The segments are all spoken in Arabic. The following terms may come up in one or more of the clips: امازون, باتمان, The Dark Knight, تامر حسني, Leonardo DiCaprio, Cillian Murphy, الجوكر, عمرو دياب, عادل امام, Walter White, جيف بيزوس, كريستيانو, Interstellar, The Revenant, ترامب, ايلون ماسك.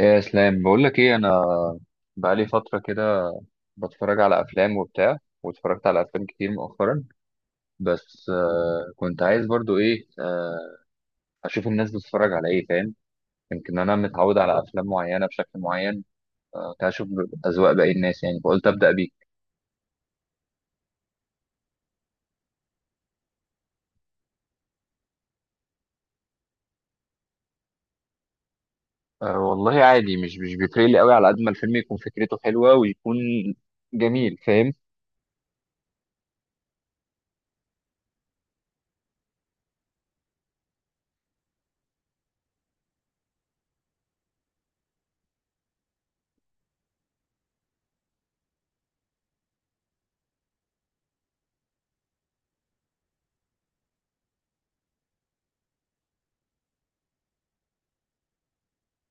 إيه يا اسلام، بقول لك ايه انا بقالي فتره كده بتفرج على افلام وبتاع، واتفرجت على افلام كتير مؤخرا. بس كنت عايز برضو ايه، اشوف الناس بتتفرج على ايه، فاهم؟ يمكن انا متعود على افلام معينه بشكل معين. كنت عايز اشوف اذواق باقي الناس، يعني فقلت ابدا بيك. والله عادي، مش بيفرق لي قوي، على قد ما الفيلم يكون فكرته حلوه ويكون جميل، فاهم؟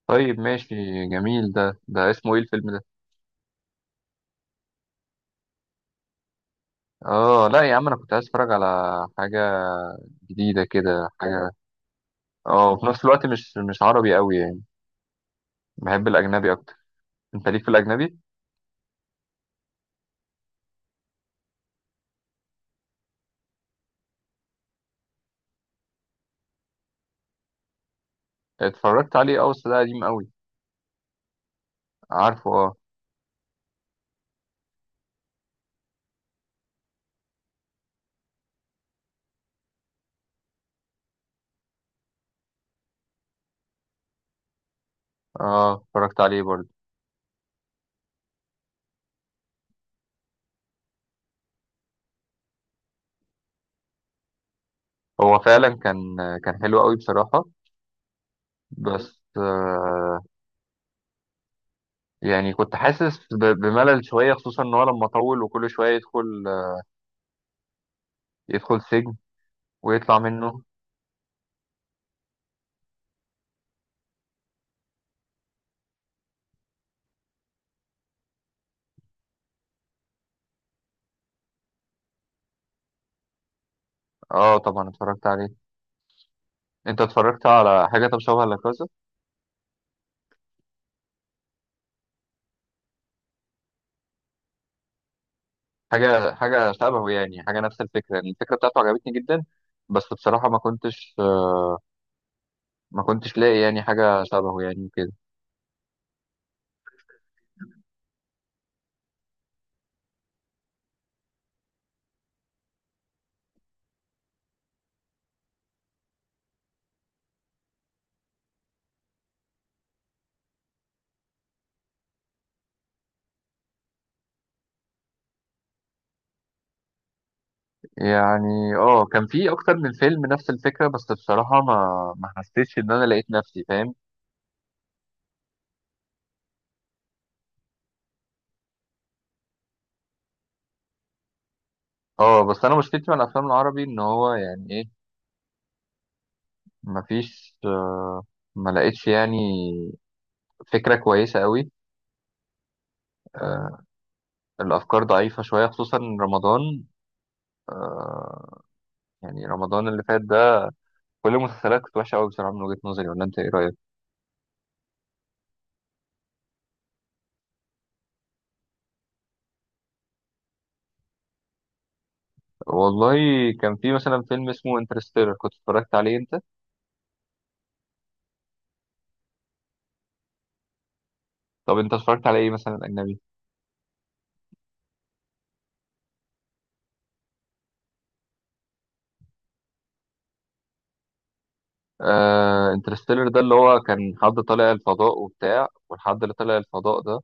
طيب ماشي جميل. ده اسمه ايه الفيلم ده؟ اه لا يا عم، انا كنت عايز اتفرج على حاجه جديده كده، حاجه. اه، وفي نفس الوقت مش عربي قوي، يعني بحب الاجنبي اكتر. انت ليك في الاجنبي؟ اتفرجت عليه اه، بس ده قديم قوي. عارفه اه. اه اتفرجت عليه برضه. هو فعلا كان حلو قوي بصراحه. بس، يعني كنت حاسس بملل شويه، خصوصا ان هو لما طول وكل شويه يدخل سجن ويطلع منه. اه طبعا اتفرجت عليه. انت اتفرجت على حاجه طب شبه لا؟ حاجة شبهه، يعني حاجة نفس الفكرة، يعني الفكرة بتاعته عجبتني جدا. بس بصراحة ما كنتش لاقي يعني حاجة شبهه يعني كده. يعني اه، كان في أكتر من فيلم نفس الفكرة، بس بصراحة ما حسيتش إن أنا لقيت نفسي، فاهم؟ اه، بس أنا مشكلتي مع الأفلام العربي إن هو يعني إيه، ما فيش ما لقيتش يعني فكرة كويسة قوي. آه، الأفكار ضعيفة شوية خصوصا رمضان. آه، يعني رمضان اللي فات ده كل المسلسلات كانت وحشة قوي بصراحة من وجهة نظري، ولا أنت إيه رأيك؟ والله كان في مثلا فيلم اسمه انترستيلر كنت اتفرجت عليه، انت؟ طب انت اتفرجت على ايه مثلا اجنبي؟ انترستيلر ده اللي هو كان حد طالع الفضاء وبتاع، والحد اللي طالع الفضاء ده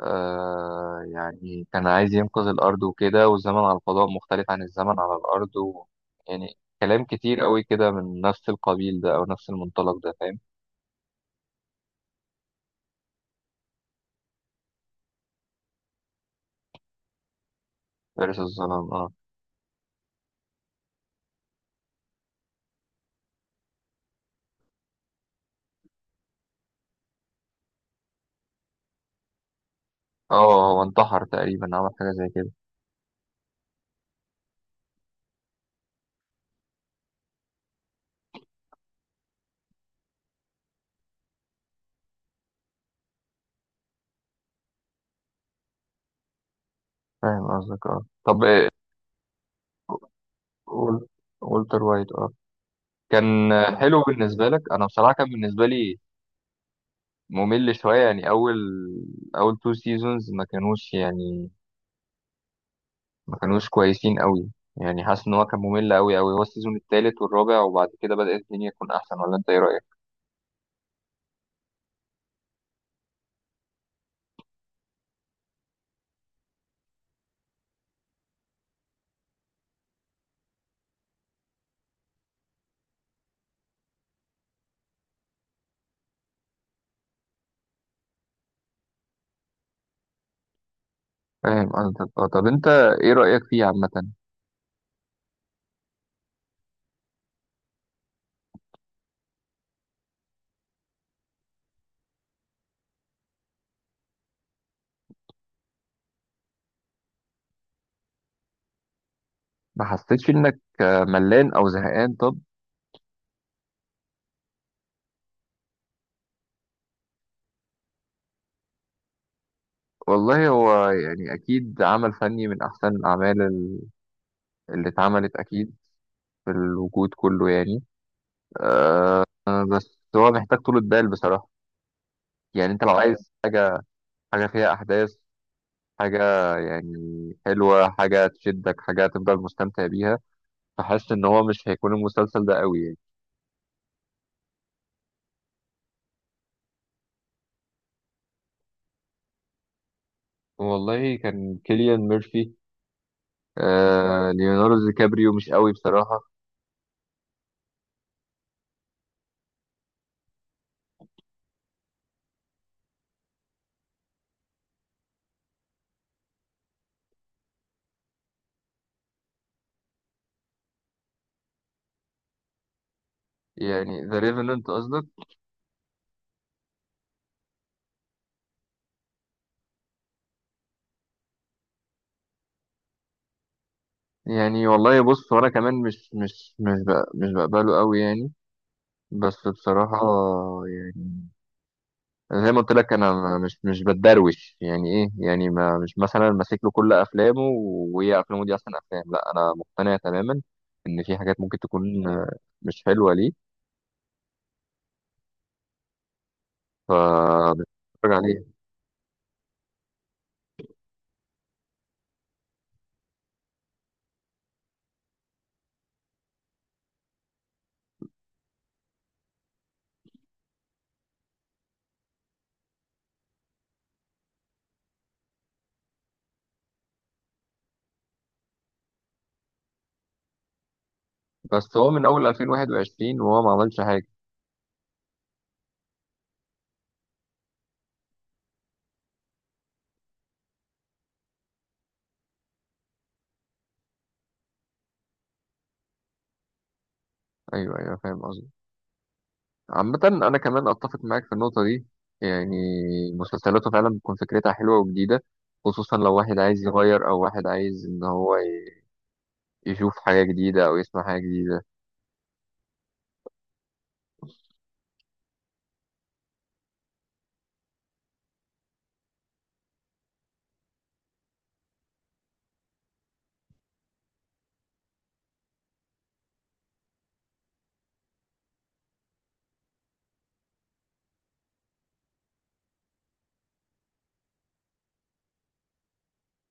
يعني كان عايز ينقذ الارض وكده، والزمن على الفضاء مختلف عن الزمن على الارض و يعني كلام كتير قوي كده، من نفس القبيل ده او نفس المنطلق ده، فاهم؟ فارس الظلام اه. اه، هو انتحر تقريبا، عمل حاجه زي كده. فاهم قصدك اه، طب. وول- وولتر وايت اه. كان حلو بالنسبة لك؟ أنا بصراحة كان بالنسبة لي ممل شوية يعني، أول تو سيزونز ما كانوش يعني ما كانوش كويسين أوي. يعني حاسس إن هو كان ممل أوي أوي، هو السيزون التالت والرابع وبعد كده بدأت الدنيا تكون أحسن، ولا أنت إيه رأيك؟ فاهم قصدك، طب أنت إيه رأيك فيه عامة؟ ما حسيتش إنك ملان أو زهقان طب؟ والله هو يعني أكيد عمل فني من أحسن الأعمال اللي اتعملت أكيد في الوجود كله يعني. بس هو محتاج طولة بال بصراحة. يعني أنت لو عايز حاجة فيها أحداث، حاجة يعني حلوة، حاجة تشدك، حاجة تفضل مستمتع بيها. فحاسس إن هو مش هيكون المسلسل ده قوي يعني. والله كان كيليان ميرفي. ليوناردو دي كابريو مش قوي بصراحة. يعني ذا ريفننت قصدك؟ يعني والله بص، وأنا كمان مش بقبله قوي يعني، بس بصراحة يعني. انا زي ما قلت لك، انا مش بتدروش يعني ايه، يعني ما مش مثلا ماسك له كل افلامه وهي افلامه دي احسن افلام، لا انا مقتنع تماما ان في حاجات ممكن تكون مش حلوه ليه، فبتفرج عليها. بس هو من اول 2021 وهو ما عملش حاجه. ايوه، ايوه، فاهم قصدي. عامه انا كمان اتفق معاك في النقطه دي، يعني مسلسلاته فعلا بتكون فكرتها حلوه وجديده، خصوصا لو واحد عايز يغير او واحد عايز ان هو يشوف حاجه جديده او يسمع حاجه جديده.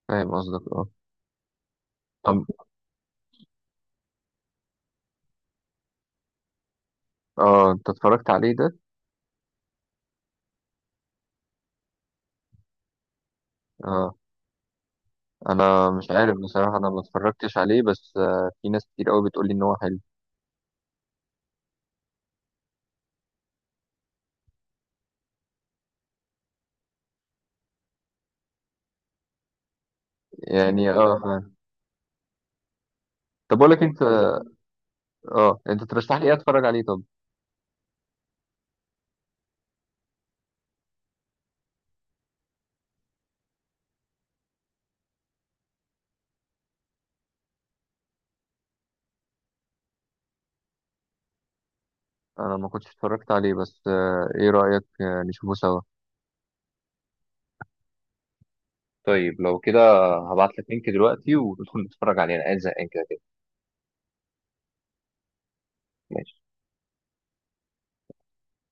فاهم قصدك اه، طب اه انت اتفرجت عليه ده؟ اه انا مش عارف بصراحه، انا ما اتفرجتش عليه، بس في ناس كتير قوي بتقول لي ان هو حلو. يعني اه، فاهم. طب اقول لك انت، اه انت ترشح لي ايه اتفرج عليه طب؟ انا ما كنتش اتفرجت عليه، بس ايه رايك، نشوفه سوا؟ طيب لو كده، هبعت لك لينك دلوقتي وتدخل تتفرج عليه، انا قاعد زهقان كده كده.